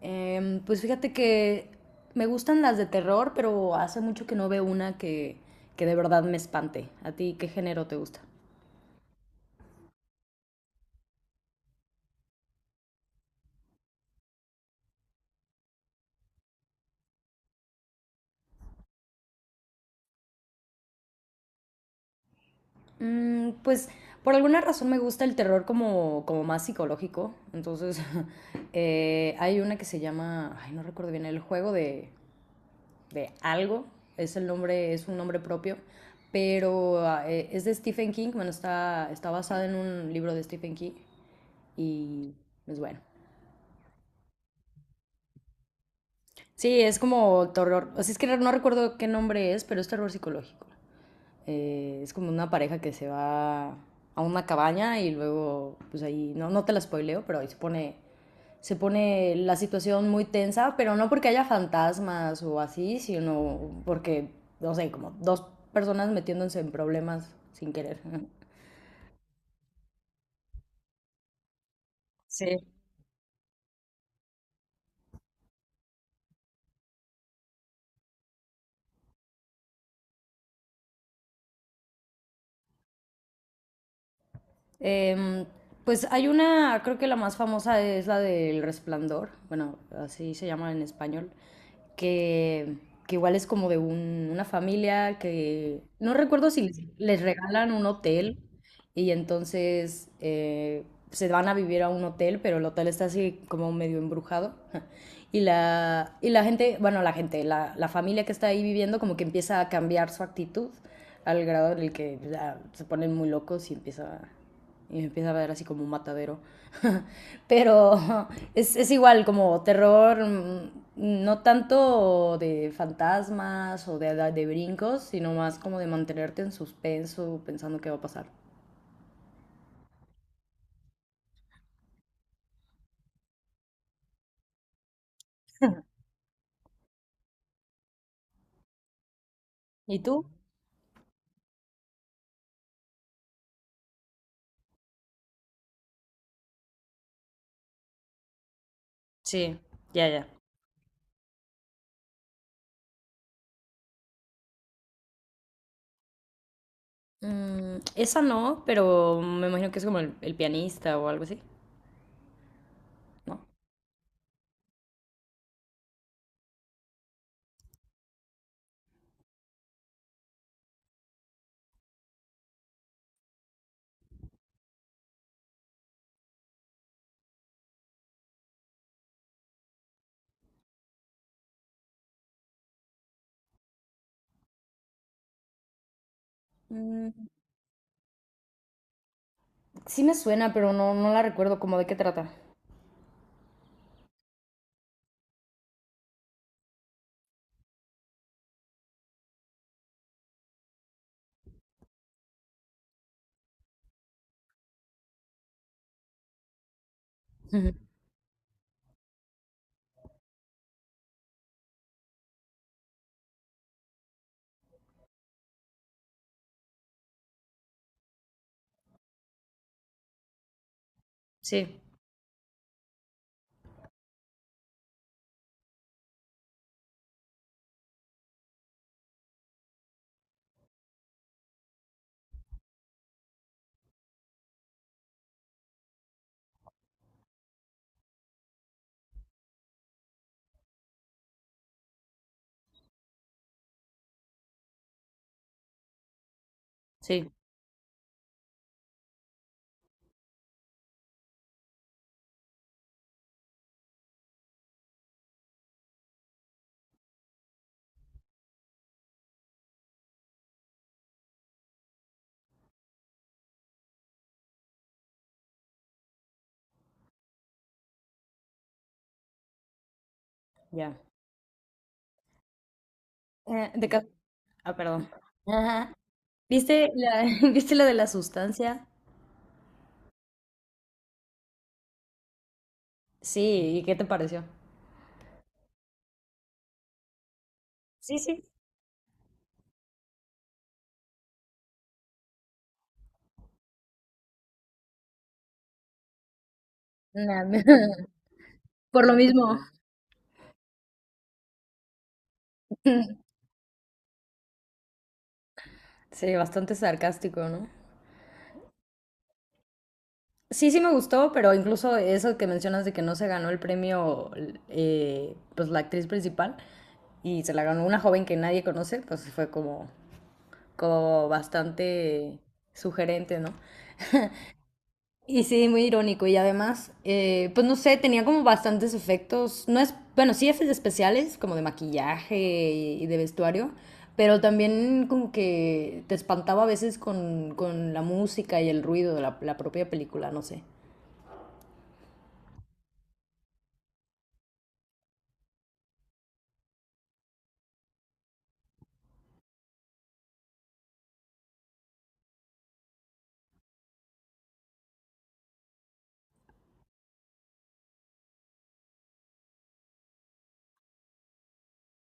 Pues fíjate que me gustan las de terror, pero hace mucho que no veo una que de verdad me espante. ¿A ti qué género te gusta? Mm, pues por alguna razón me gusta el terror como más psicológico. Entonces, hay una que se llama, ay, no recuerdo bien, El juego de algo. Es el nombre, es un nombre propio. Pero es de Stephen King. Bueno, está basada en un libro de Stephen King. Y es bueno. Sí, es como terror. O sea, es que no recuerdo qué nombre es, pero es terror psicológico. Es como una pareja que se va a una cabaña y luego, pues ahí, no te la spoileo, pero ahí se pone la situación muy tensa, pero no porque haya fantasmas o así, sino porque, no sé, como dos personas metiéndose en problemas sin querer. Sí. Em, pues hay una, creo que la más famosa es la del Resplandor, bueno, así se llama en español, que, que igual es como de una familia que no recuerdo si les regalan un hotel y entonces se van a vivir a un hotel, pero el hotel está así como medio embrujado. Y la gente, bueno, la gente, la familia que está ahí viviendo como que empieza a cambiar su actitud al grado en el que ya, se ponen muy locos y empieza y me empieza a ver así como un matadero. Pero igual como terror, no tanto de fantasmas o de brincos, sino más como de mantenerte en suspenso pensando qué va a pasar. ¿Y tú? Sí, ya, ya. Mm, esa no, pero me imagino que es como el pianista o algo así, ¿no? Mm, sí me suena, pero no, no la recuerdo como de qué trata. Ujú. Sí, sí, ya. Eh, de ca- Ah, perdón. ¿Viste la, ¿viste la de la sustancia? Sí, ¿y qué te pareció? Sí, sí. Nah, me- Por lo mismo. Sí, bastante sarcástico, ¿no? Sí, sí me gustó, pero incluso eso que mencionas de que no se ganó el premio, pues la actriz principal, y se la ganó una joven que nadie conoce, pues fue como, como bastante sugerente, ¿no? Y sí, muy irónico. Y además, pues no sé, tenía como bastantes efectos. No es, bueno, sí efectos especiales, como de maquillaje y de vestuario, pero también como que te espantaba a veces con la música y el ruido de la propia película, no sé.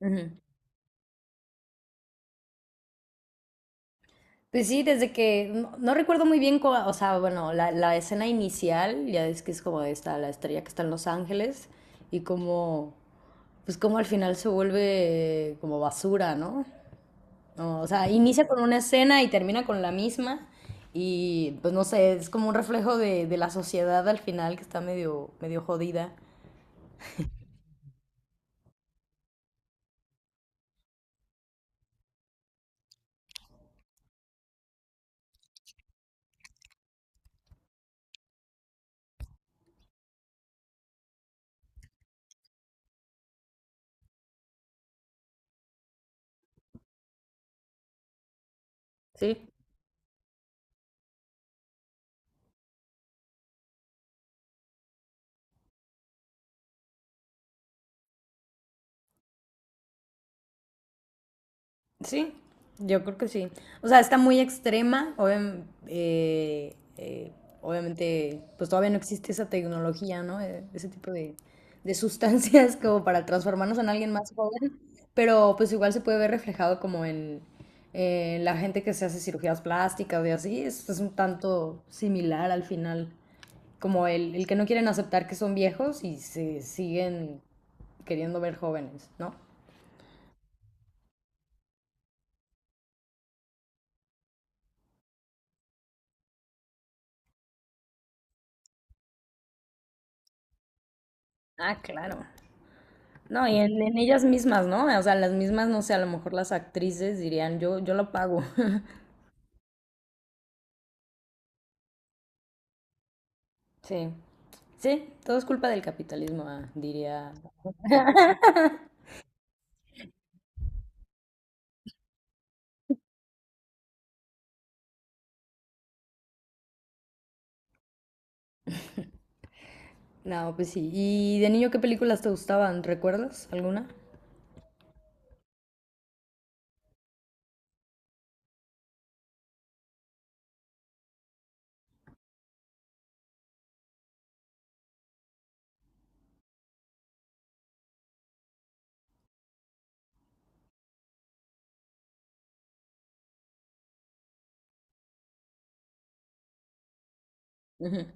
Ujú. Pues sí, desde que no recuerdo muy bien, o sea, bueno, la escena inicial, ya es que es como esta, la estrella que está en Los Ángeles y como, pues como al final se vuelve como basura, ¿no? No, o sea, inicia con una escena y termina con la misma. Y pues no sé, es como un reflejo de la sociedad al final que está medio, medio jodida. Sí, sí, yo creo que sí. O sea, está muy extrema. Obviamente, pues todavía no existe esa tecnología, ¿no? Ese tipo de sustancias como para transformarnos en alguien más joven. Pero pues igual se puede ver reflejado como en la gente que se hace cirugías plásticas y así. Es un tanto similar al final. Como el que no quieren aceptar que son viejos y se siguen queriendo ver jóvenes, ¿no? Ah, claro. No, y en ellas mismas, ¿no? O sea, las mismas, no sé, a lo mejor las actrices dirían, yo lo pago. Sí. Sí, todo es culpa del capitalismo, diría. No, pues sí. ¿Y de niño qué películas te gustaban? ¿Recuerdas alguna? Ujú.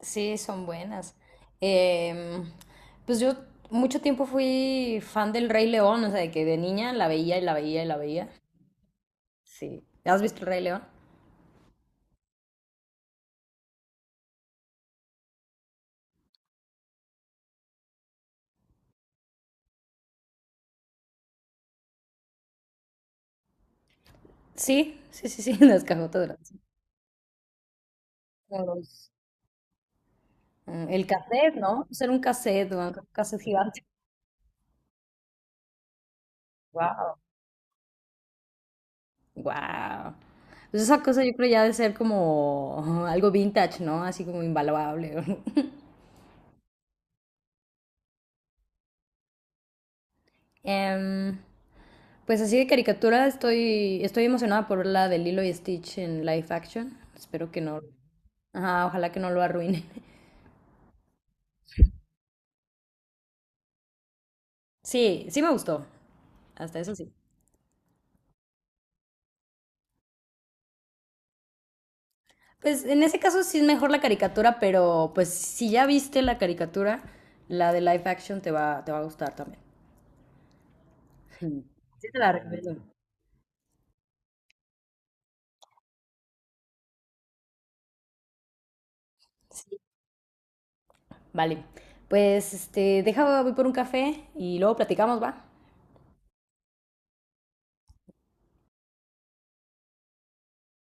Sí, son buenas. Em, pues yo mucho tiempo fui fan del Rey León, o sea, de que de niña la veía y la veía y la veía. Sí. ¿Has visto el Rey León? Sí, sí, sí, sí, las cajotas de las- Mm, el cassette, ¿no? Hacer un cassette, ¿no? Un cassette gigante. Wow. Wow. Pues esa cosa yo creo ya de ser como algo vintage, ¿no? Así como invaluable. Em, pues así de caricatura estoy emocionada por la de Lilo y Stitch en live action. Espero que no. Ajá, ojalá que no lo arruinen. Sí, sí me gustó. Hasta eso sí. Pues en ese caso sí es mejor la caricatura, pero pues si ya viste la caricatura, la de live action te va a gustar también. Sí, te la recomiendo. Sí. Vale, pues este, deja, voy por un café y luego platicamos, ¿va?